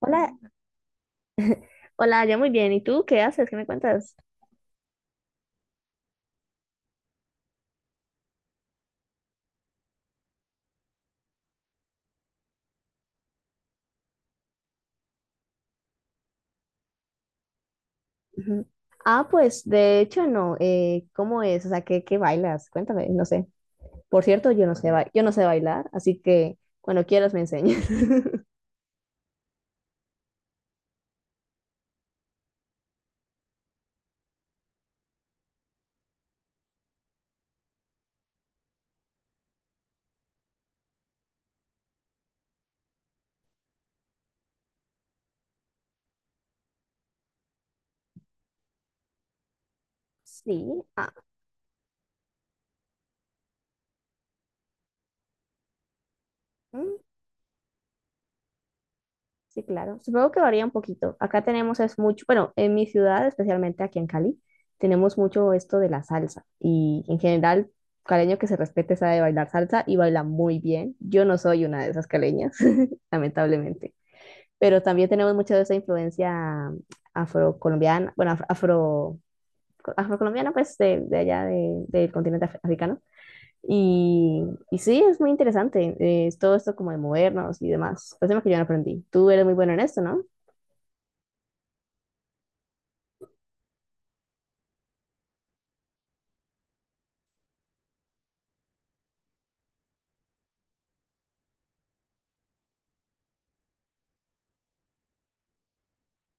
Hola, hola, ya muy bien. ¿Y tú qué haces? ¿Qué me cuentas? Ujú. Ah, pues de hecho no. ¿Cómo es? O sea, ¿qué bailas? Cuéntame, no sé. Por cierto, yo no sé bailar, así que cuando quieras me enseñas. Sí, ah, mm, sí, claro. Supongo que varía un poquito. Acá tenemos es mucho, bueno, en mi ciudad, especialmente aquí en Cali, tenemos mucho esto de la salsa. Y en general, caleño que se respete sabe bailar salsa y baila muy bien. Yo no soy una de esas caleñas, lamentablemente. Pero también tenemos mucha de esa influencia afrocolombiana, bueno, afro, afrocolombiana, pues de allá del continente africano. Y, y sí, es muy interesante, es todo esto como de movernos y demás. Pues tema que yo no aprendí. Tú eres muy bueno en esto, ¿no?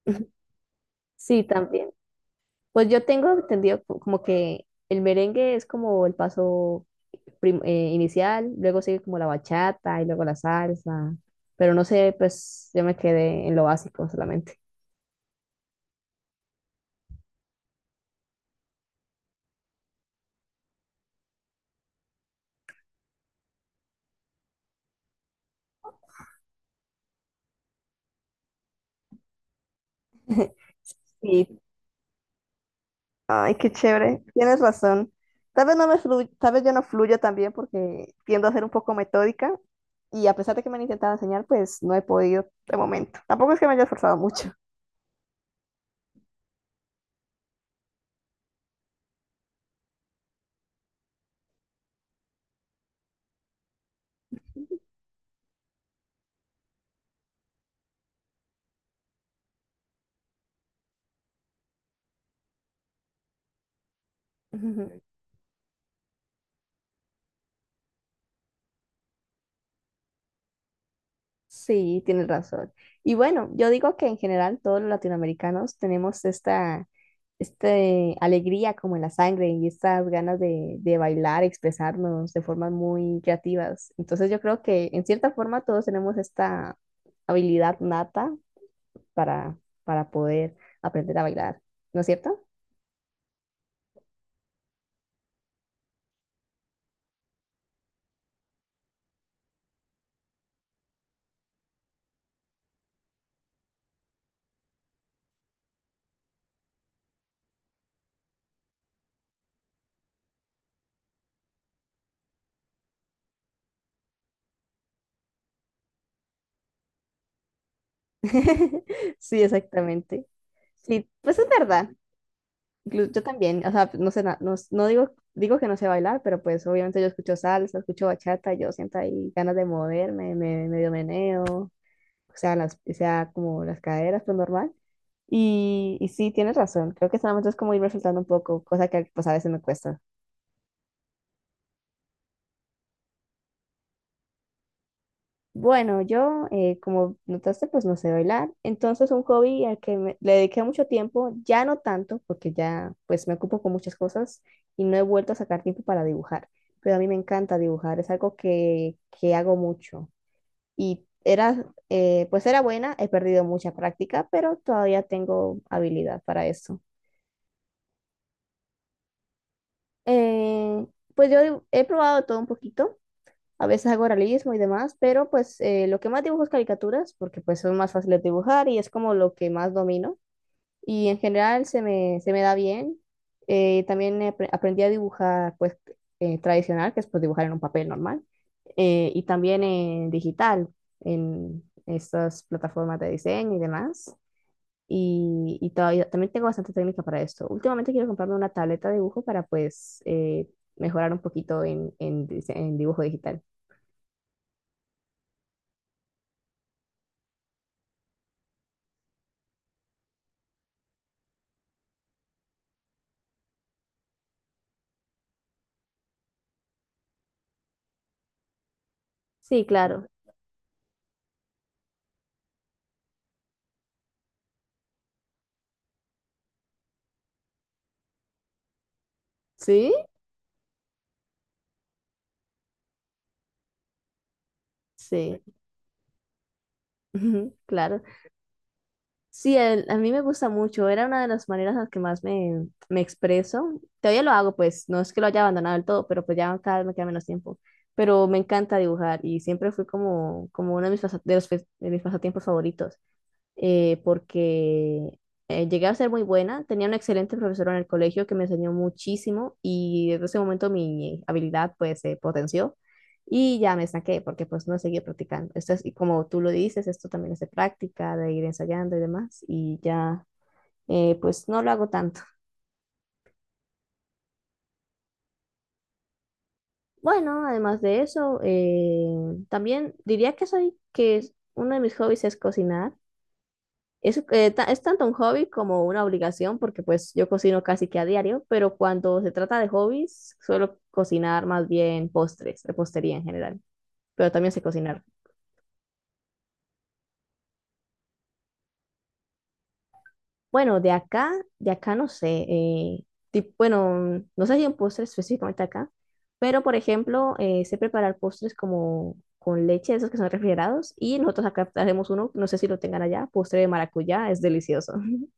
Sí, también. Pues yo tengo entendido como que el merengue es como el paso inicial, luego sigue como la bachata y luego la salsa, pero no sé, pues yo me quedé en lo básico solamente. Sí. Ay, qué chévere. Tienes razón. Tal vez yo no fluyo también porque tiendo a ser un poco metódica y a pesar de que me han intentado enseñar, pues no he podido de momento. Tampoco es que me haya esforzado mucho. Ujú. Sí, tienes razón. Y bueno, yo digo que en general todos los latinoamericanos tenemos esta alegría como en la sangre y estas ganas de bailar, expresarnos de formas muy creativas. Entonces yo creo que en cierta forma todos tenemos esta habilidad nata para, para poder aprender a bailar, ¿no es cierto? Sí, exactamente. Sí, pues es verdad. Yo también, o sea, no sé, no digo, digo que no sé bailar, pero pues obviamente yo escucho salsa, escucho bachata, yo siento ahí ganas de moverme, me medio meneo, o sea, las, o sea, como las caderas, pues normal. Y sí, tienes razón, creo que solamente es como irme soltando un poco, cosa que pues a veces me cuesta. Bueno, yo, como notaste, pues no sé bailar. Entonces, un hobby al que le dediqué mucho tiempo, ya no tanto, porque ya pues me ocupo con muchas cosas y no he vuelto a sacar tiempo para dibujar. Pero a mí me encanta dibujar, es algo que hago mucho. Y era, pues era buena, he perdido mucha práctica, pero todavía tengo habilidad para eso. Eh, pues yo he probado todo un poquito. A veces hago realismo y demás, pero pues lo que más dibujo es caricaturas, porque pues son más fáciles de dibujar y es como lo que más domino. Y en general se me da bien. También aprendí a dibujar pues tradicional, que es pues dibujar en un papel normal, y también en digital, en estas plataformas de diseño y demás. Y todavía, también tengo bastante técnica para esto. Últimamente quiero comprarme una tableta de dibujo para pues mejorar un poquito en en dibujo digital. Sí, claro. ¿Sí? Sí, claro. Sí, a mí me gusta mucho. Era una de las maneras en las que más me, me expreso. Todavía lo hago, pues no es que lo haya abandonado del todo, pero pues ya cada vez me queda menos tiempo. Pero me encanta dibujar y siempre fue como, como uno de mis, de mis pasatiempos favoritos. Porque llegué a ser muy buena. Tenía un excelente profesor en el colegio que me enseñó muchísimo y desde ese momento mi habilidad pues se potenció y ya me saqué porque pues no seguí practicando. Esto es, y como tú lo dices, esto también es de práctica, de ir ensayando y demás y ya pues no lo hago tanto. Bueno, además de eso, también diría que uno de mis hobbies es cocinar. Es, es tanto un hobby como una obligación, porque pues yo cocino casi que a diario, pero cuando se trata de hobbies, suelo cocinar más bien postres, repostería en general, pero también sé cocinar. Bueno, de acá no sé, bueno, no sé si un postre específicamente acá, pero por ejemplo, sé preparar postres como con leche, esos que son refrigerados, y nosotros acá hacemos uno, no sé si lo tengan allá, postre de maracuyá, es delicioso.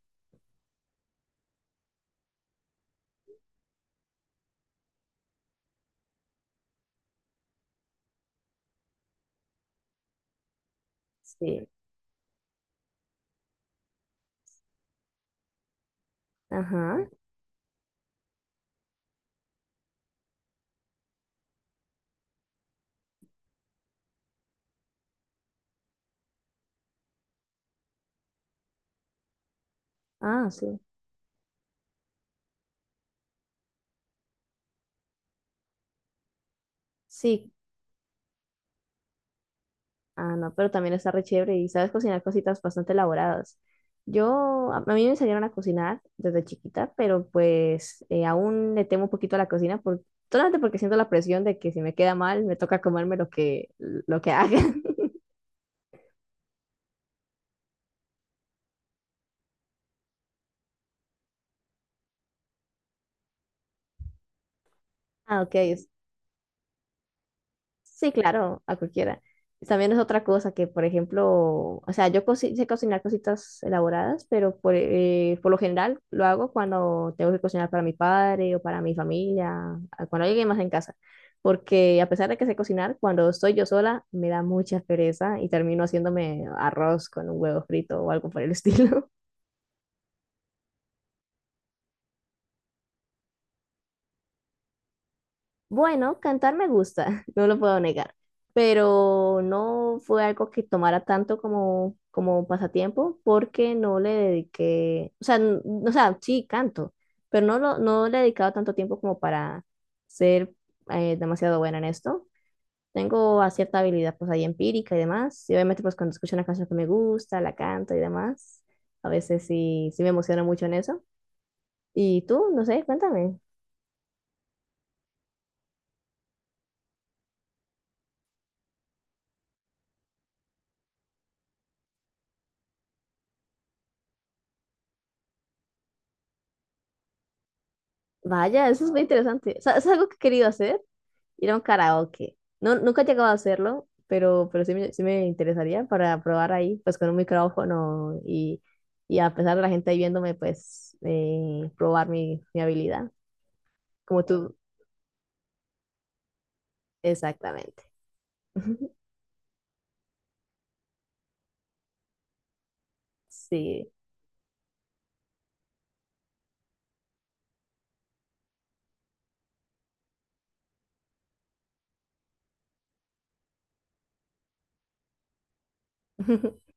Sí, ajá, ah, sí. Sí, Ah, no, pero también está re chévere y sabes cocinar cositas bastante elaboradas. Yo, a mí me enseñaron a cocinar desde chiquita, pero pues aún le temo un poquito a la cocina, por, solamente porque siento la presión de que si me queda mal, me toca comerme lo que haga. Ah, ok, sí, claro, a cualquiera. También es otra cosa que, por ejemplo, o sea, sé cocinar cositas elaboradas, pero por lo general lo hago cuando tengo que cocinar para mi padre o para mi familia, cuando hay alguien más en casa. Porque a pesar de que sé cocinar, cuando estoy yo sola me da mucha pereza y termino haciéndome arroz con un huevo frito o algo por el estilo. Bueno, cantar me gusta, no lo puedo negar, pero no fue algo que tomara tanto como, como pasatiempo porque no le dediqué, o sea, o sea, sí canto, pero no, no le he dedicado tanto tiempo como para ser demasiado buena en esto. Tengo a cierta habilidad pues ahí empírica y demás, y obviamente pues cuando escucho una canción que me gusta, la canto y demás, a veces sí, sí me emociono mucho en eso. Y tú, no sé, cuéntame. Vaya, eso es muy interesante. O sea, es algo que he querido hacer ir a un karaoke. No, nunca he llegado a hacerlo, pero sí, sí me interesaría para probar ahí, pues con un micrófono y a pesar de la gente ahí viéndome, pues probar mi habilidad, como tú, exactamente. Sí,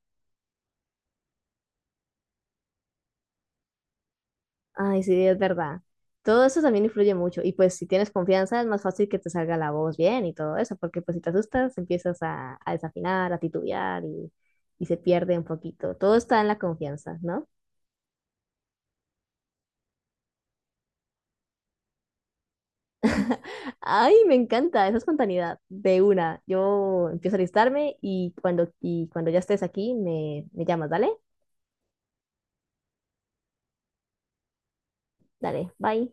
ay, sí, es verdad. Todo eso también influye mucho. Y pues si tienes confianza es más fácil que te salga la voz bien y todo eso, porque pues si te asustas empiezas a desafinar, a titubear y se pierde un poquito. Todo está en la confianza, ¿no? Ay, me encanta esa espontaneidad de una. Yo empiezo a alistarme y cuando ya estés aquí me llamas, ¿dale? Dale, bye.